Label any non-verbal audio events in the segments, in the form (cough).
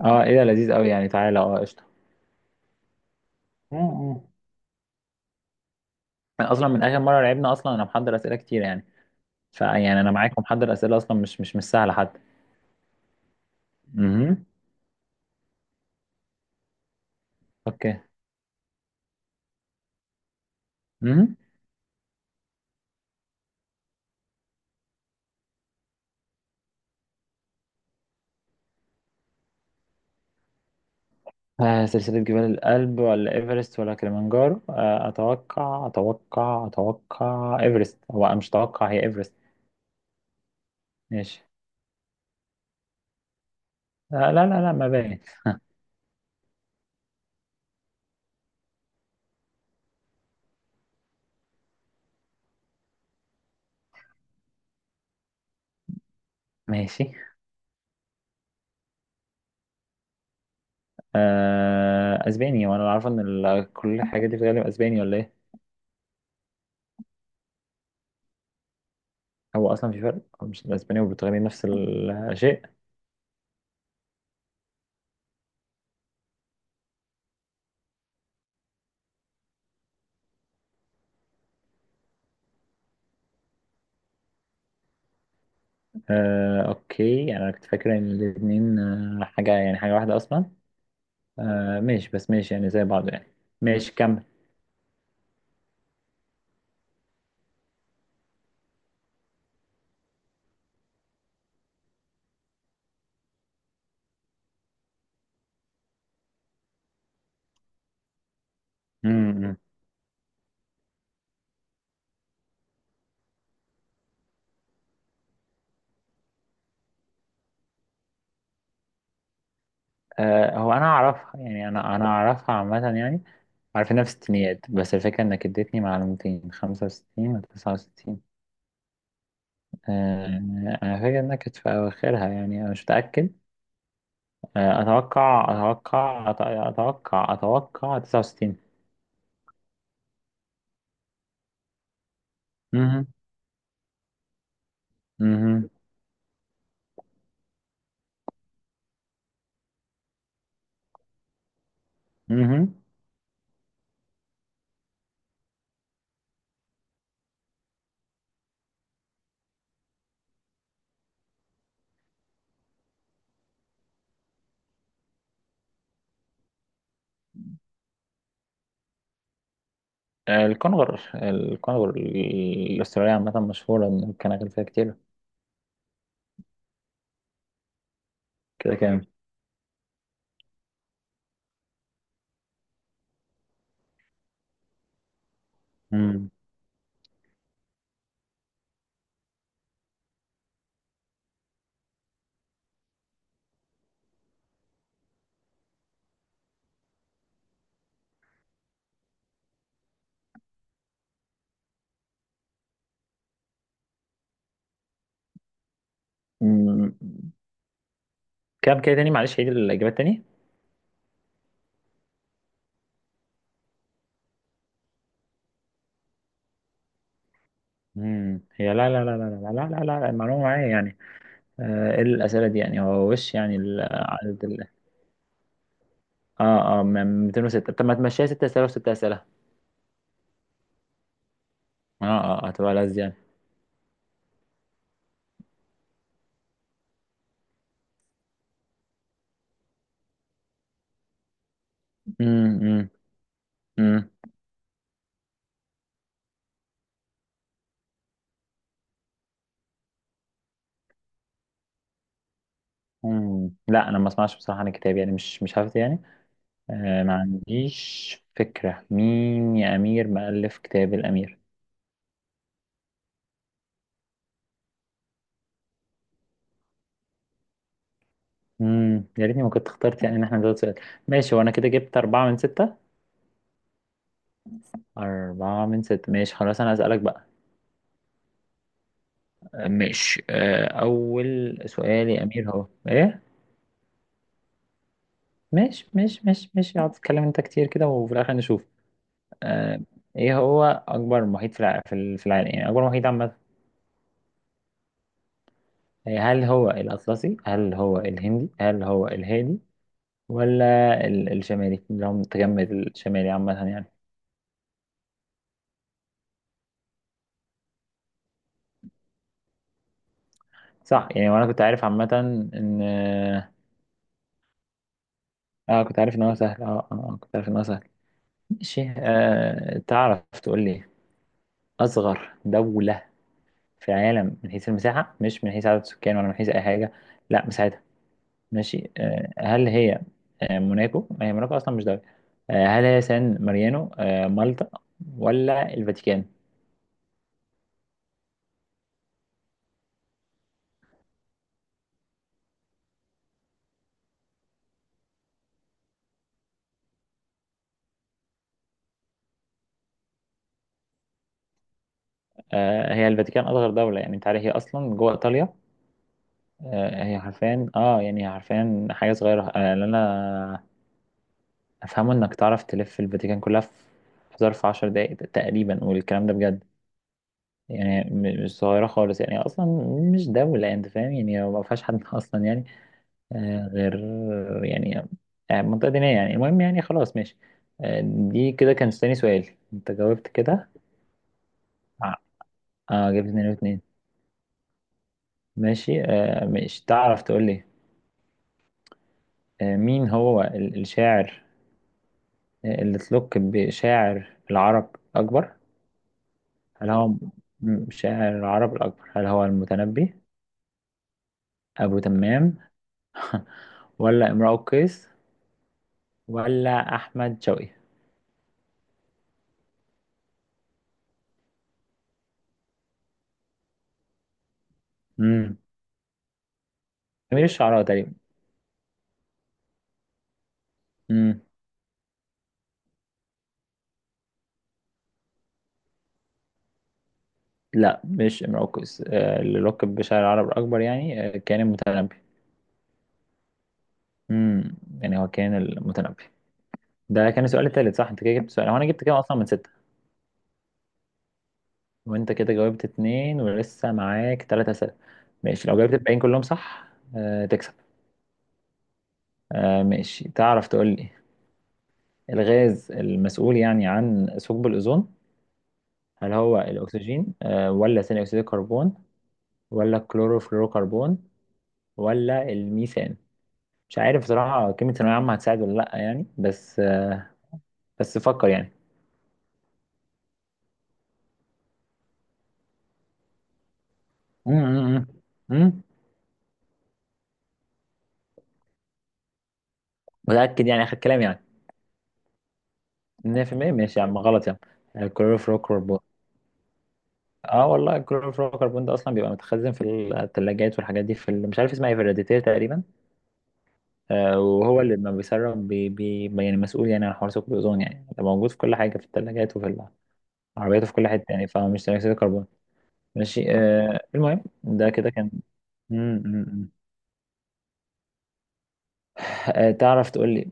اه، ايه ده لذيذ قوي، يعني تعالى قشطه. اه، اه. أنا اصلا من اخر مره لعبنا، اصلا انا محضر اسئله كتير يعني. فيعني انا معاكم محضر اسئله اصلا مش سهله حتى. امم. اوكي. امم. آه، سلسله جبال الألب ولا ايفرست ولا كليمنجارو؟ اتوقع ايفرست. هو أنا مش اتوقع، هي ايفرست. ماشي. آه، لا لا لا، ما باين. ماشي. آه، اسباني. وانا عارف ان كل الحاجات دي بتتكلم اسباني، ولا ايه؟ هو اصلا في فرق؟ هو مش الاسباني والبرتغالي نفس الشيء؟ آه، اوكي. يعني انا كنت فاكر ان الاثنين حاجه، يعني حاجه واحده اصلا. آه، ماشي. بس ماشي يعني، زي بعض يعني. ماشي، كمل. امم. آه، هو انا اعرفها يعني، انا اعرفها عامه يعني. عارف انها في الستينيات، بس الفكره انك اديتني معلومتين، 65 و 69. آه، انا فاكر انها كانت في اواخرها، يعني انا مش متاكد. اتوقع اتوقع أت- اتوقع اتوقع 69. امم امم الكونغر الكونغر الأسترالية عامة مشهورة، إن كان غير كتير. كده كام؟ مم. مم. كام كده تاني؟ معلش، عيد الإجابات تاني. مم. هي لا لا لا لا لا لا لا لا لا، المعلومة معايا يعني. آه، إيه الأسئلة دي يعني؟ هو وش يعني عدد اه، اه، 206. طب ما تمشيها 6 أسئلة و6 أسئلة. اه، اه، آه، هتبقى لذ يعني. مم. مم. مم. مم. لا أنا ما أسمعش بصراحة عن الكتاب، يعني مش حافظ يعني. آه، ما عنديش فكرة مين يا أمير مؤلف كتاب الأمير. امم، يا ريتني ما كنت اخترت، يعني ان احنا نزود سؤال. ماشي، وانا كده جبت أربعة من ستة. أربعة من ستة. ماشي خلاص، أنا هسألك بقى. آه، ماشي. آه، أول سؤال يا أمير هو إيه؟ ماشي ماشي ماشي ماشي. اقعد تتكلم أنت كتير كده، وفي الآخر نشوف. آه، إيه هو أكبر محيط في العالم، يعني أكبر محيط عامة؟ إيه، هل هو الأطلسي، هل هو الهندي، هل هو الهادي، ولا الشمالي، اللي هو متجمد الشمالي عامة يعني؟ صح يعني، وأنا كنت عارف عامة. إن اه كنت عارف ان هو سهل. اه، اه، كنت عارف ان هو سهل. ماشي. آه، تعرف تقول لي اصغر دولة في العالم من حيث المساحة، مش من حيث عدد السكان ولا من حيث اي حاجة. لا، مساحتها. ماشي. آه، هل هي، آه، موناكو؟ ما هي موناكو اصلا مش دولة. آه، هل هي سان ماريانو، آه، مالطا، ولا الفاتيكان؟ آه، هي الفاتيكان اصغر دولة يعني. انت عارف هي اصلا جوه ايطاليا؟ آه، هي حرفيا، يعني هي حرفيا حاجة صغيرة. آه، لا لا. افهمه انك تعرف تلف الفاتيكان كلها في في ظرف 10 دقايق تقريبا، والكلام ده بجد. يعني مش صغيرة خالص يعني أصلا. مش دولة، أنت فاهم يعني؟ ما فيهاش حد (laughs) أصلا يعني. آه، غير يعني، آه، منطقة دينية يعني. المهم يعني خلاص، ماشي. آه، دي كده كان تاني سؤال أنت جاوبت كده. ع- اه، جبت اتنين واتنين. ماشي. آه، مش تعرف تقول لي، آه، مين هو الشاعر، آه، اللي تلوك بشاعر العرب أكبر؟ هل هو شاعر العرب الأكبر، هل هو المتنبي، أبو تمام (laughs) ولا امرؤ القيس، ولا أحمد شوقي؟ امم، أمير الشعراء تقريبا. امم. لا مش امرؤ القيس. آه، اللي لقب بشاعر العرب الأكبر يعني، آه، كان المتنبي. امم. يعني هو كان المتنبي. ده كان السؤال التالت صح. انت كده جبت سؤال. هو انا جبت كام اصلا من ستة؟ وانت كده جاوبت اتنين، ولسه معاك تلاتة اسئلة. ماشي، لو جاوبت الباقيين كلهم صح، آه، تكسب. آه ماشي، تعرف تقول لي الغاز المسؤول يعني عن ثقب الأوزون، هل هو الأكسجين، آه، ولا ثاني أكسيد الكربون، ولا الكلوروفلوروكربون، ولا الميثان؟ مش عارف بصراحة. كلمة ثانوية عامة هتساعد ولا لأ يعني، بس آه، بس فكر يعني. مم. مم. مم. مم. متأكد يعني آخر كلام يعني؟ 100%؟ ماشي يا عم، غلط يا عم، الكلوروفلوروكربون. اه والله، الكلوروفلوروكربون ده اصلا بيبقى متخزن في الثلاجات والحاجات دي، في مش عارف اسمها ايه، في الراديتير تقريبا. آه، وهو اللي لما بيسرب بي يعني مسؤول يعني عن حوار ثقب الأوزون، يعني ده موجود في كل حاجة، في الثلاجات، وفي العربيات وفي كل حتة يعني. فمش ثاني أكسيد الكربون. ماشي. آه، المهم ده كده كان. مم. مم. مم. آه، تعرف تقول لي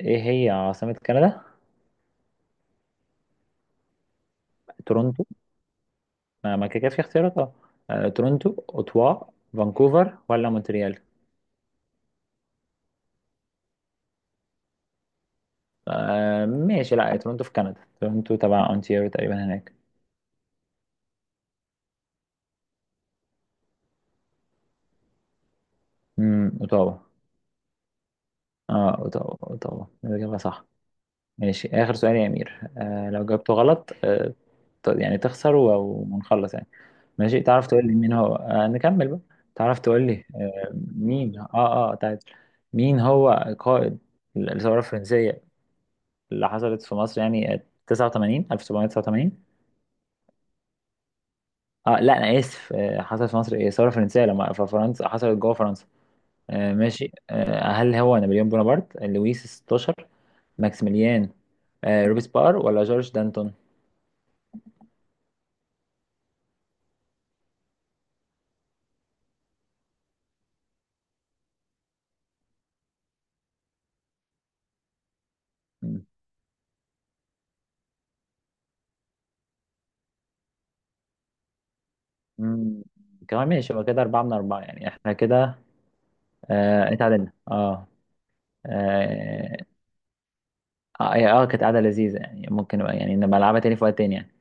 إيه هي عاصمة كندا؟ تورونتو. ما ما كده كده في اختيارات أه. آه، تورونتو، أوتوا، فانكوفر، ولا مونتريال؟ آه ماشي، لا تورونتو في كندا، تورونتو تبع أونتاريو تقريبا هناك. امم، أوتاوا. اه، أوتاوا. أوتاوا الإجابة صح. ماشي، آخر سؤال يا أمير، آه، لو جاوبته غلط، آه، يعني تخسر ونخلص يعني. ماشي، تعرف تقول لي مين هو، آه، نكمل بقى. تعرف تقول لي، آه، مين. اه تعال، مين هو قائد الثورة الفرنسية، اللي حصلت في مصر يعني، آه، 89، 1789؟ اه لا، أنا آسف. آه، حصلت في مصر إيه الثورة الفرنسية، لما في فرنسا حصلت جوه فرنسا. آه ماشي. آه، هل هو نابليون بونابرت، لويس 16، ماكسيميليان، آه، روبسبار، ولا جورج دانتون؟ مم. كمان ماشي، يبقى كده أربعة من أربعة يعني، احنا كده آه، اتعادلنا اه. اه، آه، آه كانت قعدة لذيذة يعني. ممكن يعني نبقى نلعبها تاني في وقت تاني يعني.